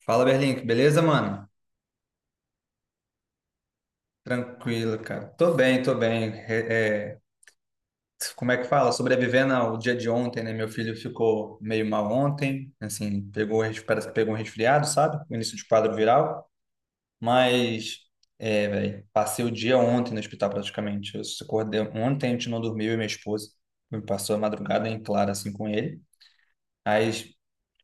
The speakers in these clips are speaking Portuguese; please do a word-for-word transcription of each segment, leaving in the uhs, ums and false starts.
Fala, Berlink, beleza, mano? Tranquilo, cara. Tô bem, tô bem. É, é, como é que fala? Sobrevivendo ao dia de ontem, né? Meu filho ficou meio mal ontem, assim, pegou, res- parece que pegou um resfriado, sabe? O início de quadro viral. Mas, é, velho, passei o dia ontem no hospital praticamente. Eu só acordei ontem, a gente não dormiu, eu e minha esposa. Me Passou a madrugada em claro, assim, com ele. Aí,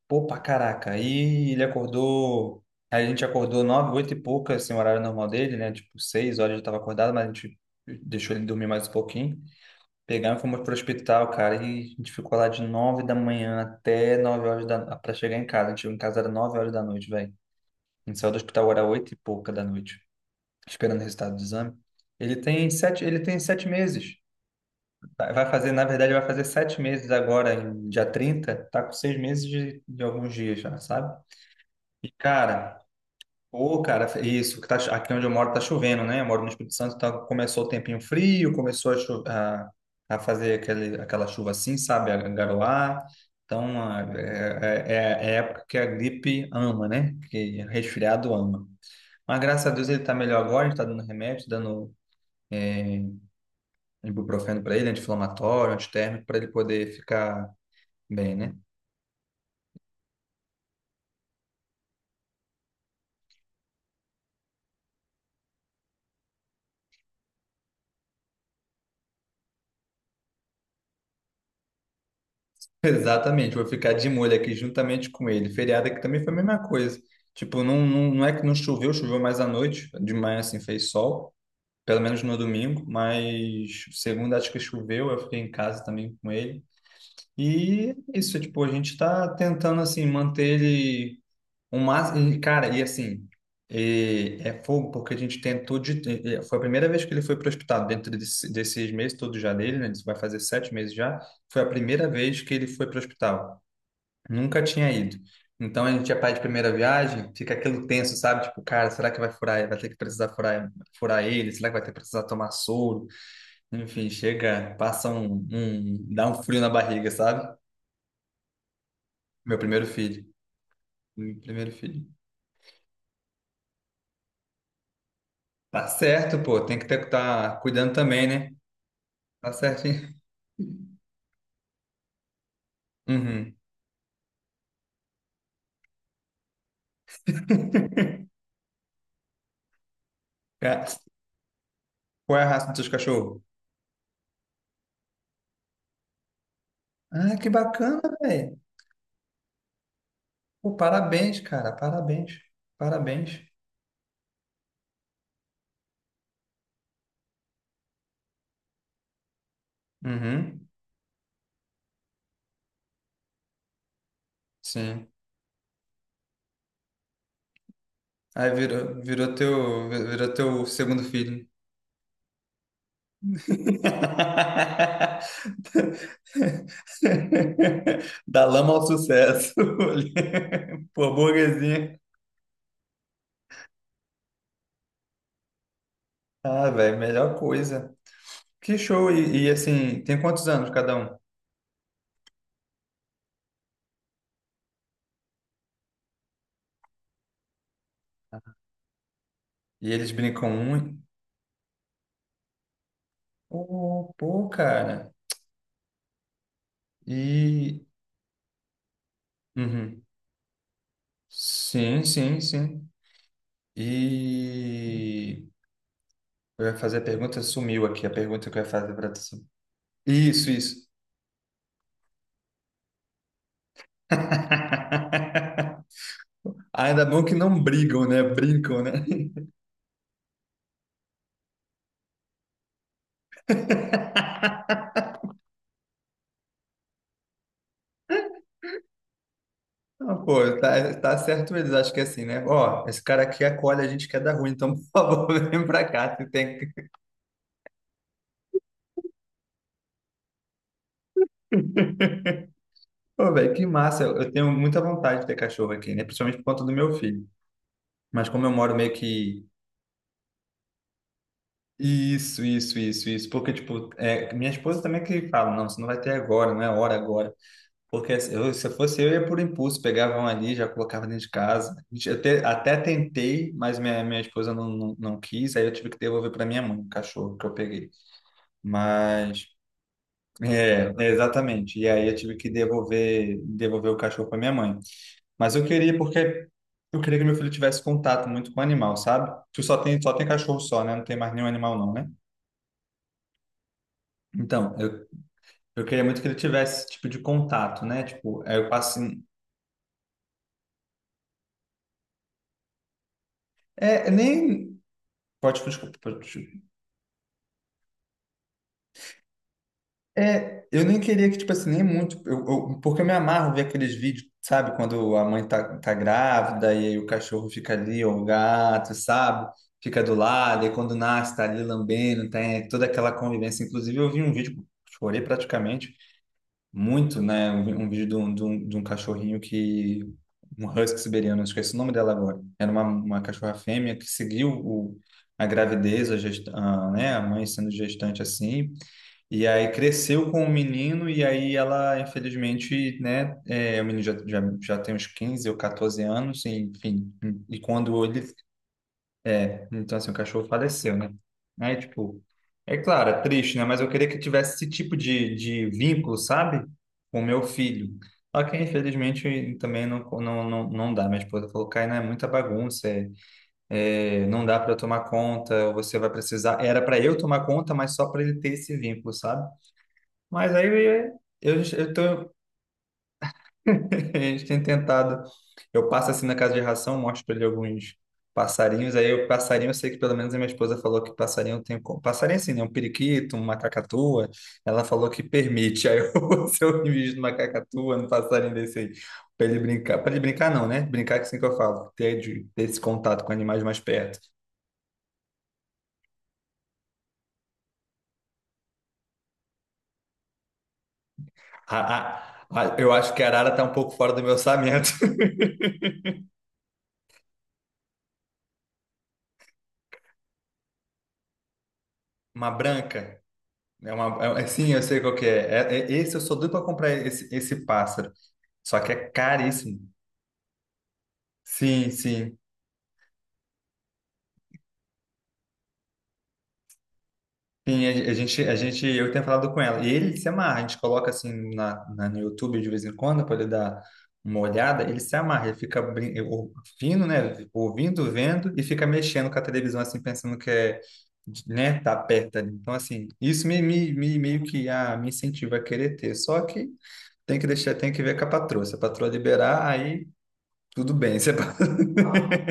pô, pra caraca. Aí ele acordou. A gente acordou nove, oito e pouca, assim, o horário normal dele, né? Tipo, seis horas eu tava acordado, mas a gente deixou ele dormir mais um pouquinho. Pegamos e fomos pro hospital, cara. E a gente ficou lá de nove da manhã até nove horas da, pra chegar em casa. A gente chegou em casa era nove horas da noite, velho. A gente saiu do hospital era oito e pouca da noite, esperando o resultado do exame. Ele tem sete, ele tem sete meses. Vai vai fazer, na verdade, vai fazer sete meses agora, em dia trinta. Tá com seis meses de, de alguns dias já, sabe? E, cara, ô, cara, isso, que tá, cho- aqui onde eu moro tá chovendo, né? Eu moro no Espírito Santo, então começou o tempinho frio, começou a, cho- a, a fazer aquele, aquela chuva assim, sabe? A garoar. Então, a- é, é, é a época que a gripe ama, né? Que resfriado ama. Mas graças a Deus ele tá melhor agora, a gente tá dando remédio, dando ibuprofeno para ele, anti-inflamatório, antitérmico, para ele poder ficar bem, né? Exatamente, vou ficar de molho aqui juntamente com ele. Feriado aqui também foi a mesma coisa. Tipo, não, não, não é que não choveu, choveu mais à noite, de manhã assim fez sol, pelo menos no domingo, mas segunda acho que choveu, eu fiquei em casa também com ele. E é isso, tipo, a gente tá tentando assim manter ele o máximo. e, Cara, e assim, e é fogo porque a gente tentou de. E- e foi a primeira vez que ele foi pro hospital, dentro desse, desses meses todos já dele, né? Isso vai fazer sete meses já. Foi a primeira vez que ele foi pro hospital. Nunca tinha ido. Então a gente ia para de primeira viagem, fica aquilo tenso, sabe? Tipo, cara, será que vai furar, vai ter que precisar furar, furar ele? Será que vai ter que precisar tomar soro? Enfim, chega, passa um, um, dá um frio na barriga, sabe? Meu primeiro filho. Meu primeiro filho. Tá certo, pô, tem que ter, tá cuidando também, né? Tá certinho. Uhum. Ca- Qual é a raça dos seus cachorros? Ah, que bacana, velho. Pô, parabéns, cara, parabéns. Parabéns. Uhum. Sim. Aí virou, virou teu, virou teu segundo filho. Da lama ao sucesso. Pô, burguesinha. Ah, velho, melhor coisa. Que show. E, e, assim, tem quantos anos cada um? E eles brincam muito. Pô, pô, cara. E. Uhum. Sim, sim, sim. E. Eu ia fazer a pergunta, sumiu aqui a pergunta que eu ia fazer para tu. Isso, isso. Ainda bom que não brigam, né? Brincam, né? Ah, pô, tá, tá certo eles, acho que é assim, né? Ó, esse cara aqui acolhe a gente que é da rua, então, por favor, vem pra cá. Tu tem que... Pô, velho, que massa. Eu tenho muita vontade de ter cachorro aqui, né? Principalmente por conta do meu filho. Mas como eu moro meio que... Isso, isso, isso, isso. Porque, tipo, é, minha esposa também que fala, não, você não vai ter agora, não é hora agora. Porque eu, se eu fosse eu, ia por impulso, pegava um ali, já colocava dentro de casa. A gente- Eu te- Até tentei, mas minha, minha esposa não, não, não quis, aí eu tive que devolver para minha mãe, o cachorro que eu peguei. Mas, é, é, exatamente. E aí eu tive que devolver, devolver o cachorro para minha mãe. Mas eu queria, porque eu queria que meu filho tivesse contato muito com o animal, sabe? Tu só tem, só tem cachorro só, né? Não tem mais nenhum animal, não, né? Então, eu, eu queria muito que ele tivesse esse tipo de contato, né? Tipo, aí eu passo. em- É, nem. Pode, desculpa, É, eu nem queria que, tipo assim, nem muito, eu, eu- porque eu me amarro ver aqueles vídeos, sabe, quando a mãe tá, tá grávida e aí o cachorro fica ali, ou o gato, sabe, fica do lado, e quando nasce tá ali lambendo, tem toda aquela convivência. Inclusive, eu vi um vídeo, chorei praticamente muito, né, um, vi- um vídeo de um, de um, de um cachorrinho que, um husky siberiano, esqueci o nome dela agora, era uma, uma cachorra fêmea que seguiu o, a gravidez, a, gesta, a, né, a mãe sendo gestante assim, e aí cresceu com o menino, e aí ela, infelizmente, né, é, o menino já, já, já tem uns quinze ou catorze anos, e, enfim, e quando ele, é, então assim, o cachorro faleceu, né? Aí, tipo, é claro, é triste, né? Mas eu queria que eu tivesse esse tipo de, de vínculo, sabe? Com o meu filho. Só que, infelizmente, também não, não, não, não dá. Minha esposa falou, Caio, é muita bagunça, é, é, não dá para tomar conta, você vai precisar... Era para eu tomar conta, mas só para ele ter esse vínculo, sabe? Mas aí eu, eu eu tô, a gente tem tentado. Eu passo assim na casa de ração, mostro para ele alguns passarinhos. Aí o passarinho, eu sei que pelo menos a minha esposa falou que passarinho tem. co- Passarinho assim, né? Um periquito, uma cacatua. Ela falou que permite. Aí eu, se eu invisto numa cacatua, num passarinho desse aí, para ele brincar. Para ele brincar, não, né? Brincar que assim que eu falo, ter, de- ter esse contato com animais mais perto. A- a- a- eu acho que a arara tá um pouco fora do meu orçamento. Uma branca. É uma, é- é- sim, eu sei qual que é. É- é- Esse eu sou doido para comprar esse, esse pássaro. Só que é caríssimo. Sim, sim. Sim, a, a gente, a gente, eu tenho falado com ela. E ele se amarra. A gente coloca assim na, na- no YouTube de vez em quando para ele dar uma olhada. Ele se amarra. Ele fica brin- ou- ouvindo, né? Ouvindo, vendo e fica mexendo com a televisão assim, pensando que é, né? Tá perto ali. Então assim, isso me, me, me- meio que ah, me incentiva a querer ter. Só que tem que deixar, tem que ver com a patroa. Se a patroa liberar, aí tudo bem, você... é pa-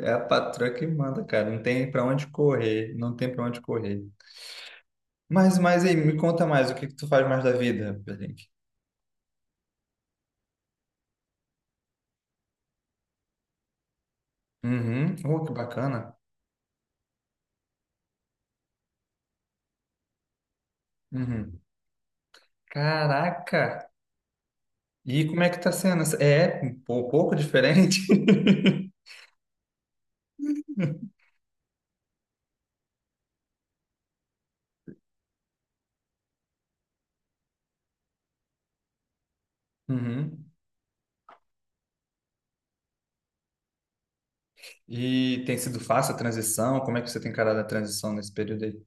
é a patroa que manda, cara. Não tem pra onde correr, não tem pra onde correr. Mas, mas aí, me conta mais, o que que tu faz mais da vida, Berlink? Uhum. Oh, que bacana. Uhum. Caraca! E como é que tá sendo? essa- É um pou- pouco diferente. Uhum. E tem sido fácil a transição? Como é que você tem encarado a transição nesse período aí?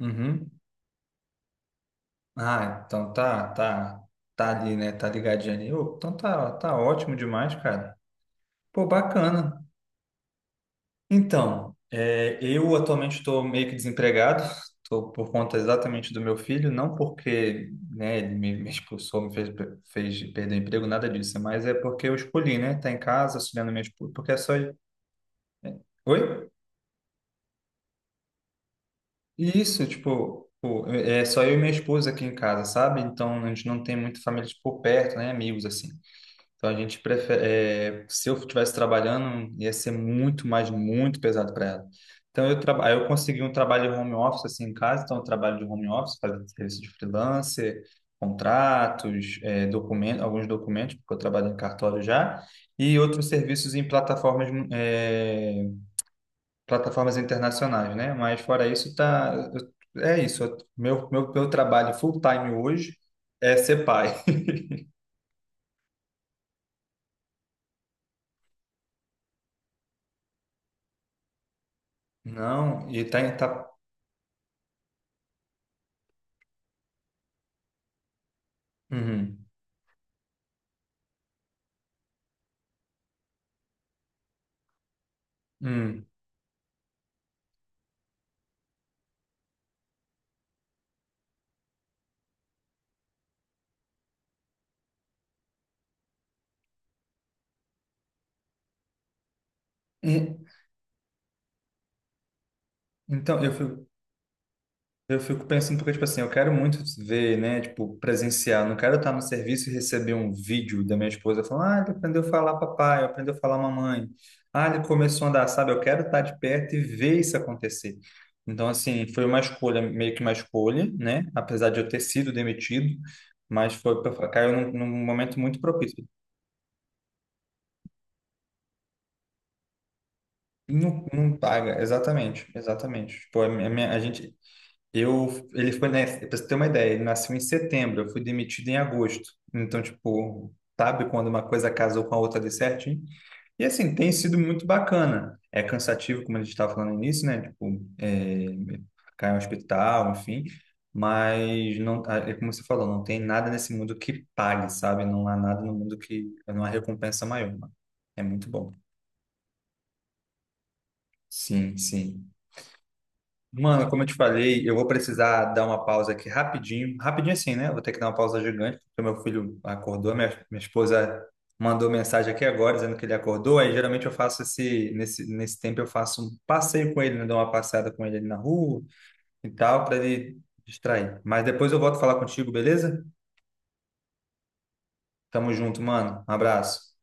Uhum. Ah, então tá, tá, tá ali, né? Tá ligadinho ali. Ô, então tá, tá ótimo demais, cara. Pô, bacana. Então, é, eu atualmente estou meio que desempregado, estou por conta exatamente do meu filho, não porque, né, ele me, me expulsou, me fez, pe- fez perder o emprego, nada disso, mas é porque eu escolhi, né, tá em casa auxiliando minha esposa, porque é só... Oi? Isso, tipo, pô, é é só eu e minha esposa aqui em casa, sabe? Então, a gente não tem muita família, tipo, por perto, né, amigos, assim. Então a gente prefere, é, se eu estivesse trabalhando, ia ser muito mais, muito pesado para ela. Então eu, traba- aí eu consegui um trabalho home office assim em casa, então eu trabalho de home office, fazendo serviço de freelancer, contratos, é, documentos, alguns documentos, porque eu trabalho em cartório já, e outros serviços em plataformas, é, plataformas internacionais, né? Mas fora isso, tá, eu- é isso. Eu- Meu, meu, meu trabalho full time hoje é ser pai. Não, e tá, em- tá, uhum. Hum. E, então, eu fico, eu fico pensando, porque, tipo assim, eu quero muito ver, né, tipo, presenciar, não quero estar no serviço e receber um vídeo da minha esposa falando, ah, ele aprendeu a falar papai, aprendeu a falar mamãe, ah, ele começou a andar, sabe? Eu quero estar de perto e ver isso acontecer. Então, assim, foi uma escolha, meio que uma escolha, né, apesar de eu ter sido demitido, mas foi, pra- caiu num, num momento muito propício. Não, não paga, exatamente, exatamente. Tipo, a minha, a gente, eu, ele foi, né, pra você ter uma ideia, ele nasceu em setembro, eu fui demitido em agosto. Então, tipo, sabe quando uma coisa casou com a outra de certinho? E assim, tem sido muito bacana. É cansativo, como a gente estava falando no início, né? Tipo, é, cair no hospital, enfim. Mas, não, ah, é como você falou, não tem nada nesse mundo que pague, sabe? Não há nada no mundo que... Não há recompensa maior, mano. É muito bom. Sim, sim. Mano, como eu te falei, eu vou precisar dar uma pausa aqui rapidinho. Rapidinho assim, né? Eu vou ter que dar uma pausa gigante, porque meu filho acordou, minha, minha esposa mandou mensagem aqui agora dizendo que ele acordou. Aí geralmente eu faço esse, nesse, nesse tempo eu faço um passeio com ele, né? Dou uma passeada com ele ali na rua e tal, para ele distrair. Mas depois eu volto a falar contigo, beleza? Tamo junto, mano. Um abraço.